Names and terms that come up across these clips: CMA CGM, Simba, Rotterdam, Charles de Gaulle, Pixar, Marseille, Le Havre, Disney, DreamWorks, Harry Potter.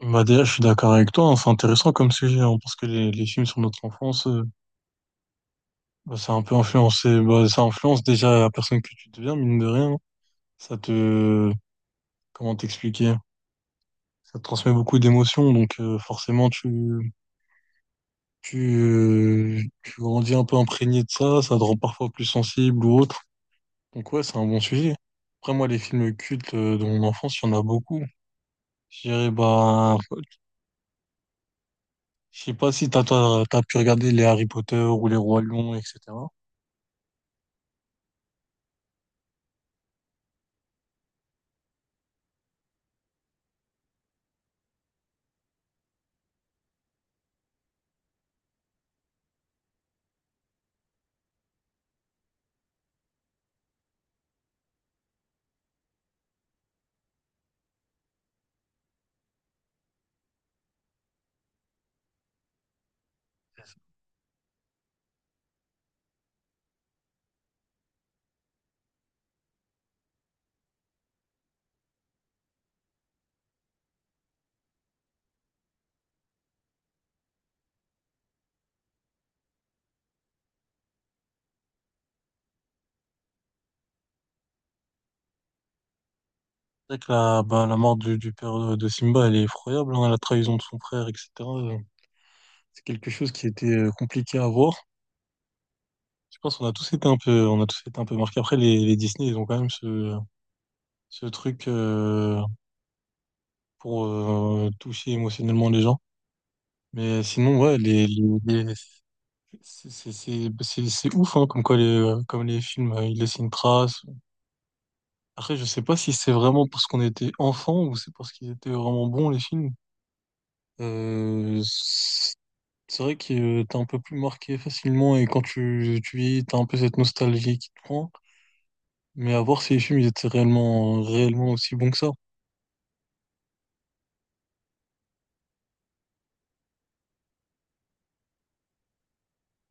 Bah déjà, je suis d'accord avec toi, hein, c'est intéressant comme sujet, hein, parce que les films sur notre enfance, bah, ça a un peu influencé, bah, ça influence déjà la personne que tu deviens, mine de rien. Ça te, comment t'expliquer? Ça te transmet beaucoup d'émotions, donc forcément, tu grandis un peu imprégné de ça, ça te rend parfois plus sensible ou autre. Donc ouais, c'est un bon sujet. Après, moi, les films cultes de mon enfance, il y en a beaucoup. Je dirais, bah, je sais pas si t'as pu regarder les Harry Potter ou les Rois Lions, etc. C'est vrai que la, bah, la mort du père de Simba, elle est effroyable, hein, la trahison de son frère, etc. euh, C'est quelque chose qui était compliqué à voir. Je pense qu'on a tous été un peu, on a tous été un peu marqués. Après, les Disney, ils ont quand même ce, ce truc pour toucher émotionnellement les gens. Mais sinon, ouais, c'est ouf, hein, comme quoi comme les films, ils laissent une trace. Après, je sais pas si c'est vraiment parce qu'on était enfant ou c'est parce qu'ils étaient vraiment bons, les films. Euh, C'est vrai que t'es un peu plus marqué facilement et quand tu vieillis, t'as un peu cette nostalgie qui te prend. Mais à voir si les films ils étaient réellement aussi bons que ça.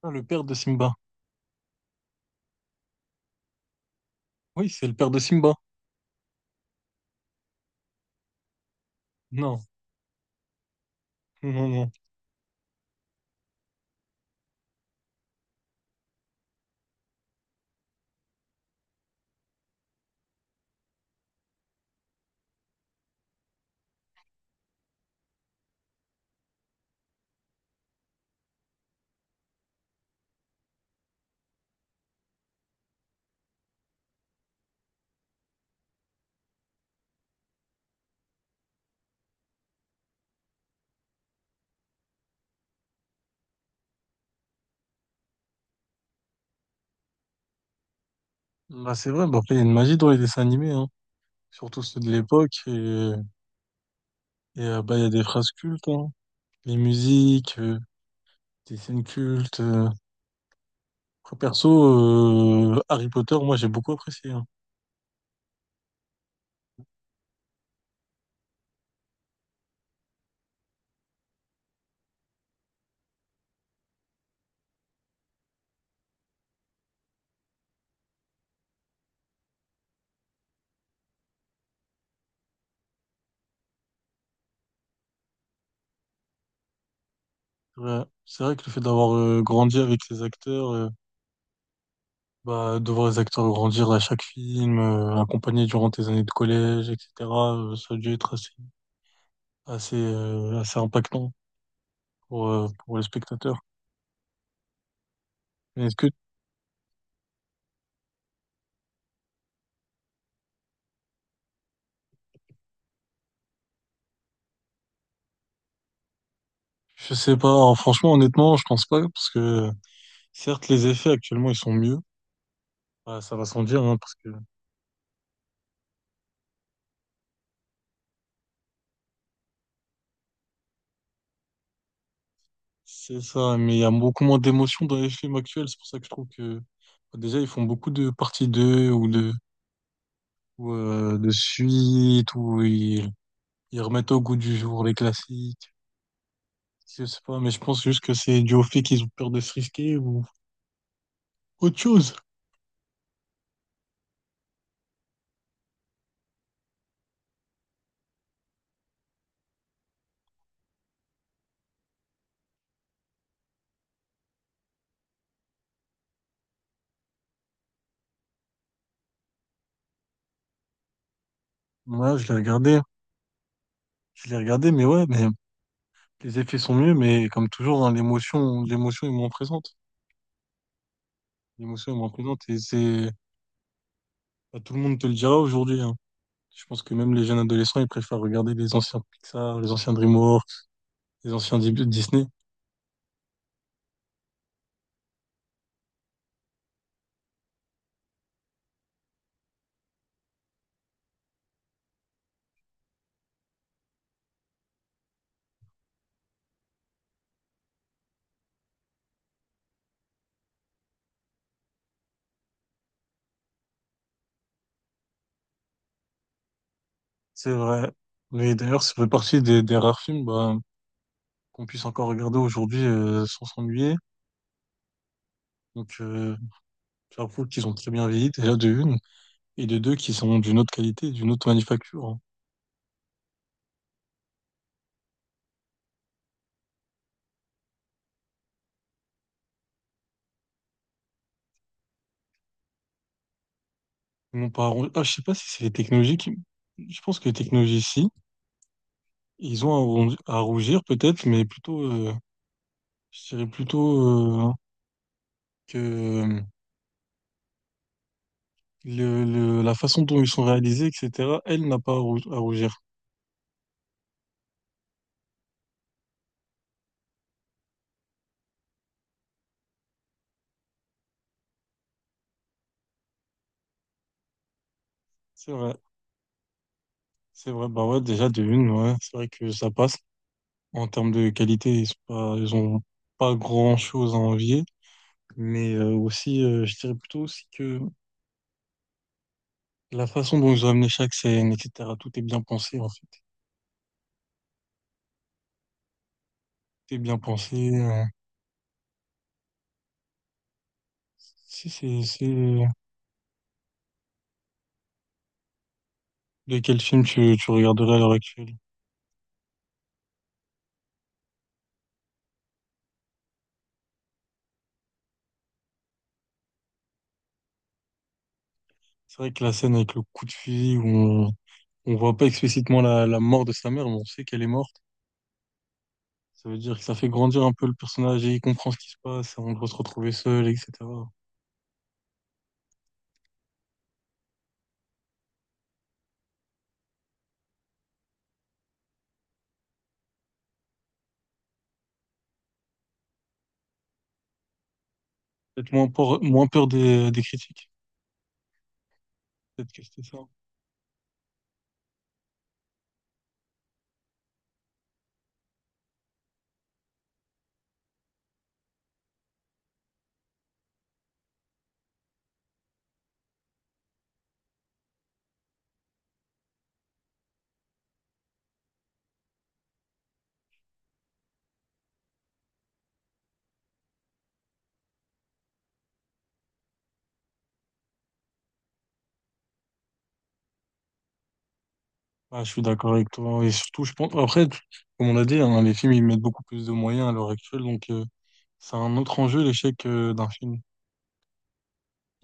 Ah, le père de Simba. Oui, c'est le père de Simba. Non, non, non. Bah, c'est vrai, bah, après, il y a une magie dans les dessins animés, hein. Surtout ceux de l'époque. Bah, il y a des phrases cultes, hein. Les musiques, des scènes cultes. Après, perso, Harry Potter, moi, j'ai beaucoup apprécié, hein. Ouais. C'est vrai que le fait d'avoir grandi avec les acteurs. Bah, de voir les acteurs grandir à chaque film, accompagner durant tes années de collège, etc., ça a dû être assez impactant pour le spectateur. Mais est-ce que, je sais pas, hein, franchement, honnêtement, je pense pas, parce que certes, les effets actuellement, ils sont mieux. Bah, ça va sans dire, hein, parce que c'est ça, mais il y a beaucoup moins d'émotions dans les films actuels, c'est pour ça que je trouve que bah, déjà, ils font beaucoup de parties 2 ou, de suites, où ils remettent au goût du jour les classiques. Je sais pas, mais je pense juste que c'est dû au fait qu'ils ont peur de se risquer ou autre chose. Moi, je l'ai regardé, mais ouais, mais les effets sont mieux, mais comme toujours, hein, l'émotion est moins présente. L'émotion est moins présente et c'est, bah, tout le monde te le dira aujourd'hui, hein. Je pense que même les jeunes adolescents, ils préfèrent regarder les anciens Pixar, les anciens DreamWorks, les anciens Disney. C'est vrai. Mais d'ailleurs, ça fait partie des rares films, bah, qu'on puisse encore regarder aujourd'hui, sans s'ennuyer. Donc, j'avoue qu'ils ont très bien vieilli, déjà de une, et de deux qui sont d'une autre qualité, d'une autre manufacture, hein. Ils n'ont pas à rougir. Ah, je sais pas si c'est les technologies qui... Je pense que les technologies, si, ils ont à rougir peut-être, mais plutôt, je dirais plutôt que le, la façon dont ils sont réalisés, etc., elle n'a pas à, à rougir. C'est vrai, c'est vrai. Bah ouais, déjà de une, ouais, c'est vrai que ça passe. En termes de qualité, ils sont pas, ils ont pas grand-chose à envier, mais je dirais plutôt aussi que la façon dont ils ont amené chaque scène, etc., tout est bien pensé, en fait. Tout est bien pensé. C'est... De quel film tu regarderais à l'heure actuelle? C'est vrai que la scène avec le coup de fusil, où on voit pas explicitement la mort de sa mère, mais on sait qu'elle est morte. Ça veut dire que ça fait grandir un peu le personnage et il comprend ce qui se passe, on doit se retrouver seul, etc. Moins peur des critiques. Peut-être que c'était ça. Ah, je suis d'accord avec toi. Et surtout, je pense, après, comme on l'a dit, hein, les films, ils mettent beaucoup plus de moyens à l'heure actuelle, donc, c'est un autre enjeu, l'échec d'un film.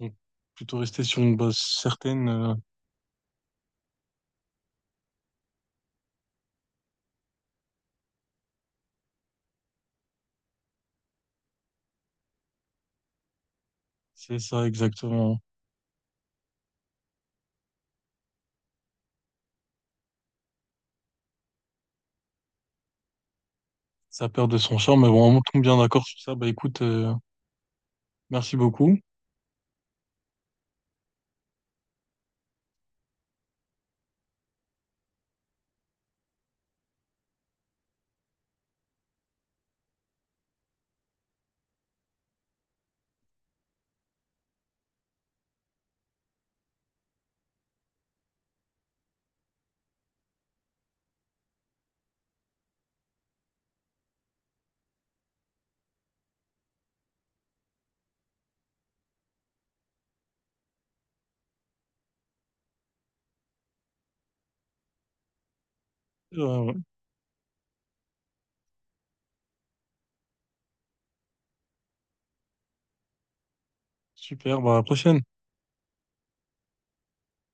Donc, plutôt rester sur une base certaine, c'est ça exactement. Ça perd de son charme, mais bon, on tombe bien d'accord sur ça. Bah écoute, merci beaucoup. Ouais. Super, bah à la prochaine.